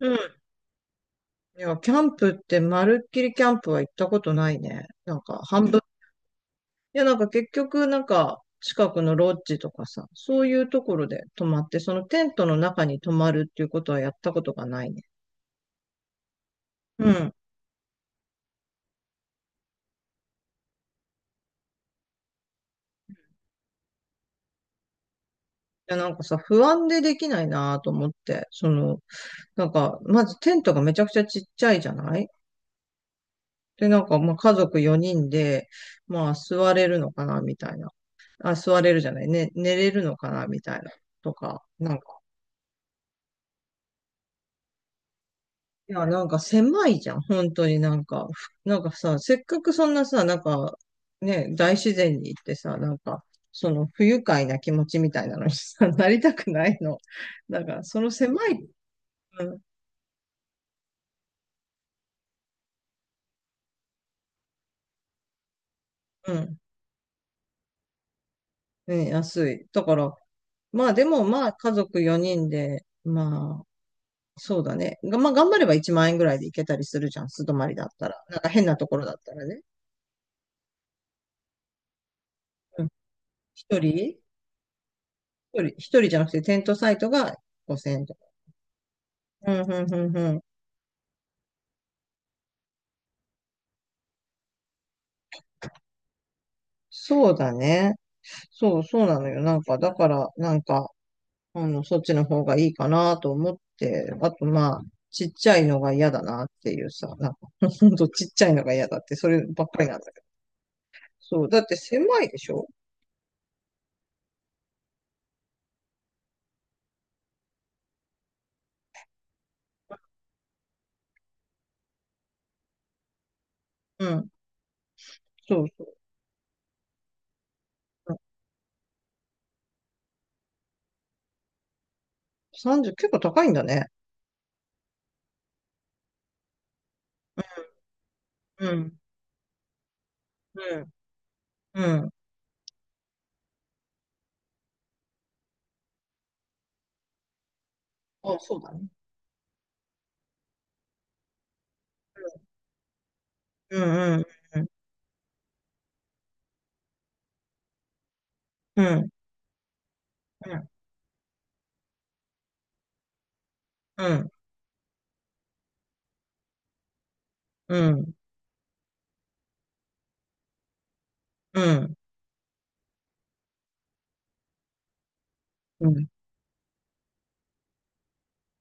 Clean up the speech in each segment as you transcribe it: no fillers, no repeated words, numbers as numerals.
うん。いや、キャンプって、まるっきりキャンプは行ったことないね。なんか、半分。いや、なんか結局、なんか、近くのロッジとかさ、そういうところで泊まって、そのテントの中に泊まるっていうことはやったことがないね。うん。いや、なんかさ、不安でできないなと思って、その、なんか、まずテントがめちゃくちゃちっちゃいじゃない？で、なんか、まあ、家族4人で、まあ、座れるのかな、みたいな。あ、座れるじゃないね、寝れるのかな、みたいな。とか、なんか、いや、なんか狭いじゃん。本当になんか、なんかさ、せっかくそんなさ、なんか、ね、大自然に行ってさ、なんか、その不愉快な気持ちみたいなのにさ、なりたくないの。だから、その狭い、うん、うん、ね、安い。だから、まあでもまあ家族4人で、まあ、そうだね。がまあ頑張れば1万円ぐらいで行けたりするじゃん。素泊まりだったら。なんか変なところだったらね。うん。一人一人じゃなくてテントサイトが5000円とか。うん、うん、うん、うん。そうだね。そう、そうなのよ。なんか、だから、なんか、あの、そっちの方がいいかなと思って、あと、まあ、ちっちゃいのが嫌だなっていうさ、なんか、ほんとちっちゃいのが嫌だって、そればっかりなんだけど。そう、だって狭いでしょ？うん。そうそう。30、結構高いんだね。うん。うん。うん。あ、そうだね。うん、うん、うん、うん、うん、うん、うん。うん、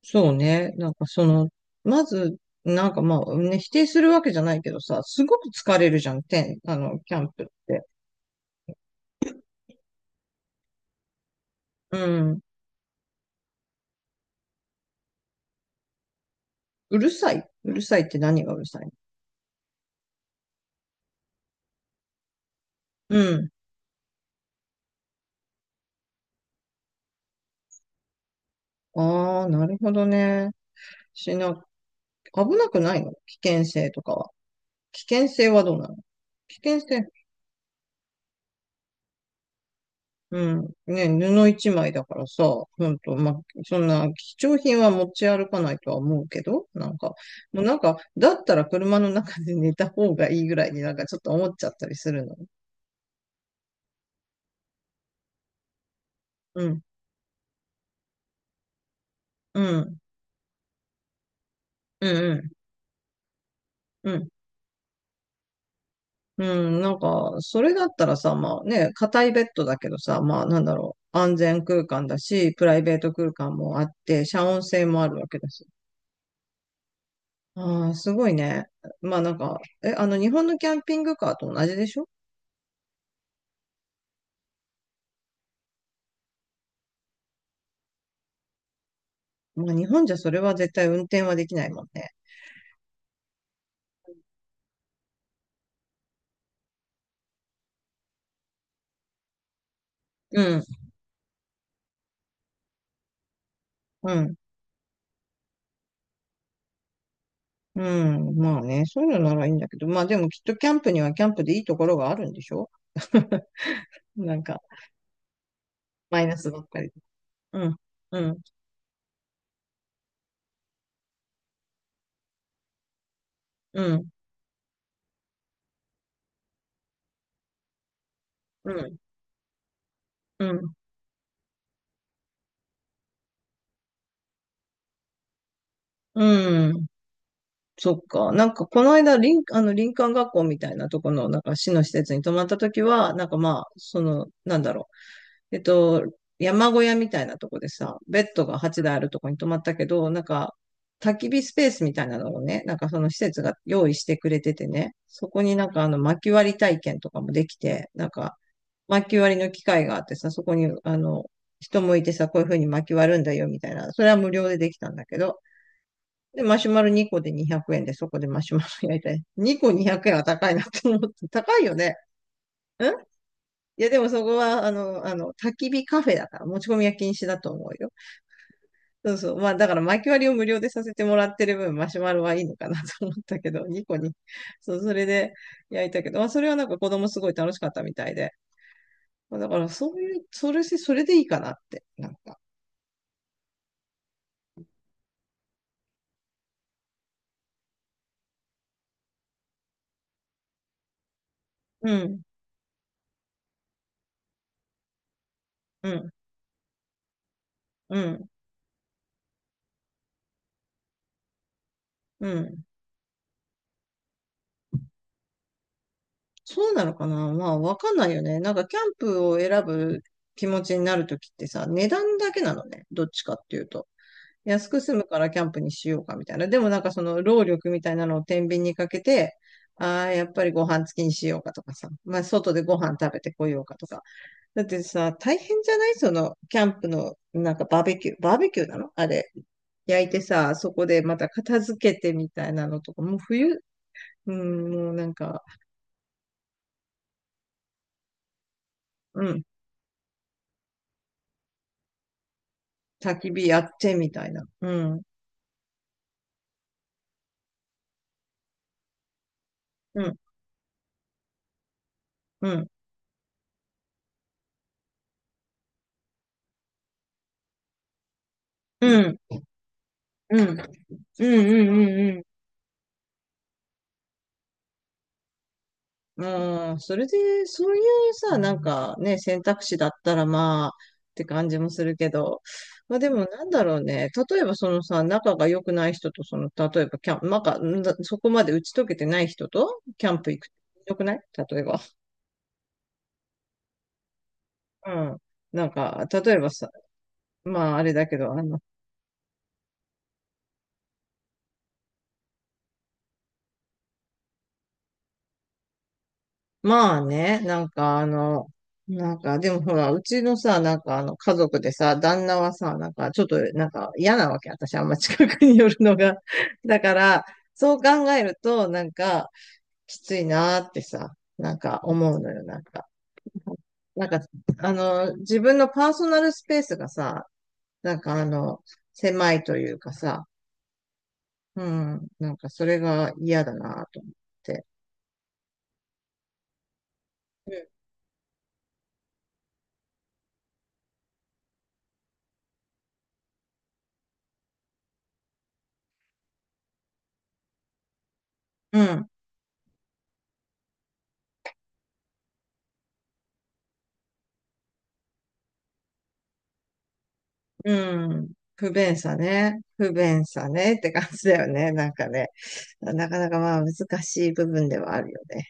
そうね。なんかその、まず、なんかまあ、ね、否定するわけじゃないけどさ、すごく疲れるじゃん、あの、キャンプって。うん。うるさい。うるさいって何がうるさいの？うん。ああ、なるほどね。しな、危なくないの？危険性とかは。危険性はどうなの？危険性。うん。ね、布一枚だからさ、ほんと、まあ、そんな貴重品は持ち歩かないとは思うけど、なんか、もうなんか、だったら車の中で寝た方がいいぐらいになんかちょっと思っちゃったりするの。うん、うん、うん、うん、うん。なんか、それだったらさ、まあね、硬いベッドだけどさ、まあなんだろう、安全空間だし、プライベート空間もあって、遮音性もあるわけだし。ああ、すごいね。まあなんか、え、あの、日本のキャンピングカーと同じでしょ？まあ日本じゃそれは絶対運転はできないもんね。うん、うん、うん。まあね、そういうのならいいんだけど、まあでもきっとキャンプにはキャンプでいいところがあるんでしょ？ なんか、マイナスばっかり。うん、うん、うん、うん、うん、うん。そっか。なんか、この間、あの、林間学校みたいなとこの、なんか、市の施設に泊まったときは、なんかまあ、その、なんだろう。えっと、山小屋みたいなとこでさ、ベッドが8台あるとこに泊まったけど、なんか、焚き火スペースみたいなのをね、なんかその施設が用意してくれててね、そこになんかあの薪割り体験とかもできて、なんか薪割りの機械があってさ、そこにあの、人もいてさ、こういう風に薪割るんだよみたいな、それは無料でできたんだけど、で、マシュマロ2個で200円でそこでマシュマロ焼いたり、2個200円は高いなって思って、高いよね。いや、でもそこは、あの、焚き火カフェだから、持ち込みは禁止だと思うよ。そうそう。まあ、だから、薪割りを無料でさせてもらってる分、マシュマロはいいのかな と思ったけど、2個に。そう、それで焼いたけど、まあ、それはなんか子供すごい楽しかったみたいで。まあだから、そういう、それでいいかなって、なんか。うん、うん、うん、うん。そうなのかな。まあ、わかんないよね。なんか、キャンプを選ぶ気持ちになるときってさ、値段だけなのね。どっちかっていうと。安く済むからキャンプにしようかみたいな。でもなんかその労力みたいなのを天秤にかけて、ああ、やっぱりご飯付きにしようかとかさ。まあ、外でご飯食べてこようかとか。だってさ、大変じゃないその、キャンプの、なんかバーベキュー。バーベキューなのあれ？焼いてさ、そこでまた片付けてみたいなのとか、もう冬、うん、もうなんか、うん、焚き火やってみたいな。うん、うん、うん、うん、うん、うん、うん、うん、うん、うん、それで、そういうさ、なんかね、選択肢だったらまあ、って感じもするけど、まあでもなんだろうね、例えばそのさ、仲が良くない人と、その、例えばキャンプ、なか、んだそこまで打ち解けてない人と、キャンプ行く、良くない例えば。うん。なんか、例えばさ、まああれだけど、あの、まあね、なんかあの、なんかでもほら、うちのさ、なんかあの家族でさ、旦那はさ、なんかちょっとなんか嫌なわけ、私あんま近くに寄るのが。だから、そう考えると、なんかきついなーってさ、なんか思うのよ、なんか。なんか、あの、自分のパーソナルスペースがさ、なんかあの、狭いというかさ、うん、なんかそれが嫌だなと思って。うん。うんうん。不便さね。不便さねって感じだよね。なんかね。なかなかまあ難しい部分ではあるよね。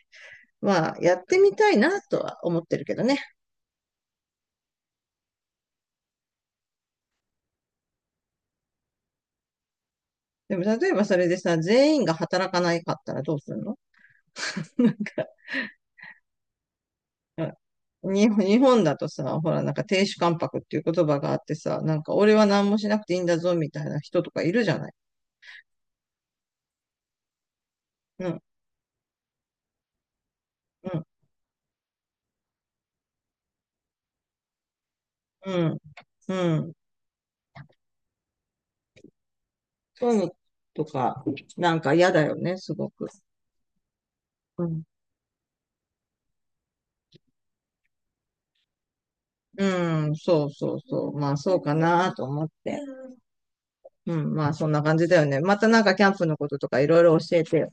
まあやってみたいなとは思ってるけどね。でも例えばそれでさ、全員が働かないかったらどうするの？ なんか日本だとさ、ほらなんか亭主関白っていう言葉があってさ、なんか俺は何もしなくていいんだぞみたいな人とかいるじゃない。うん、うん、うん、うん。そういうのとか、なんか嫌だよね、すごく。うんうん、そうそうそう。まあ、そうかなと思って。うん、まあ、そんな感じだよね。またなんかキャンプのこととかいろいろ教えてよ。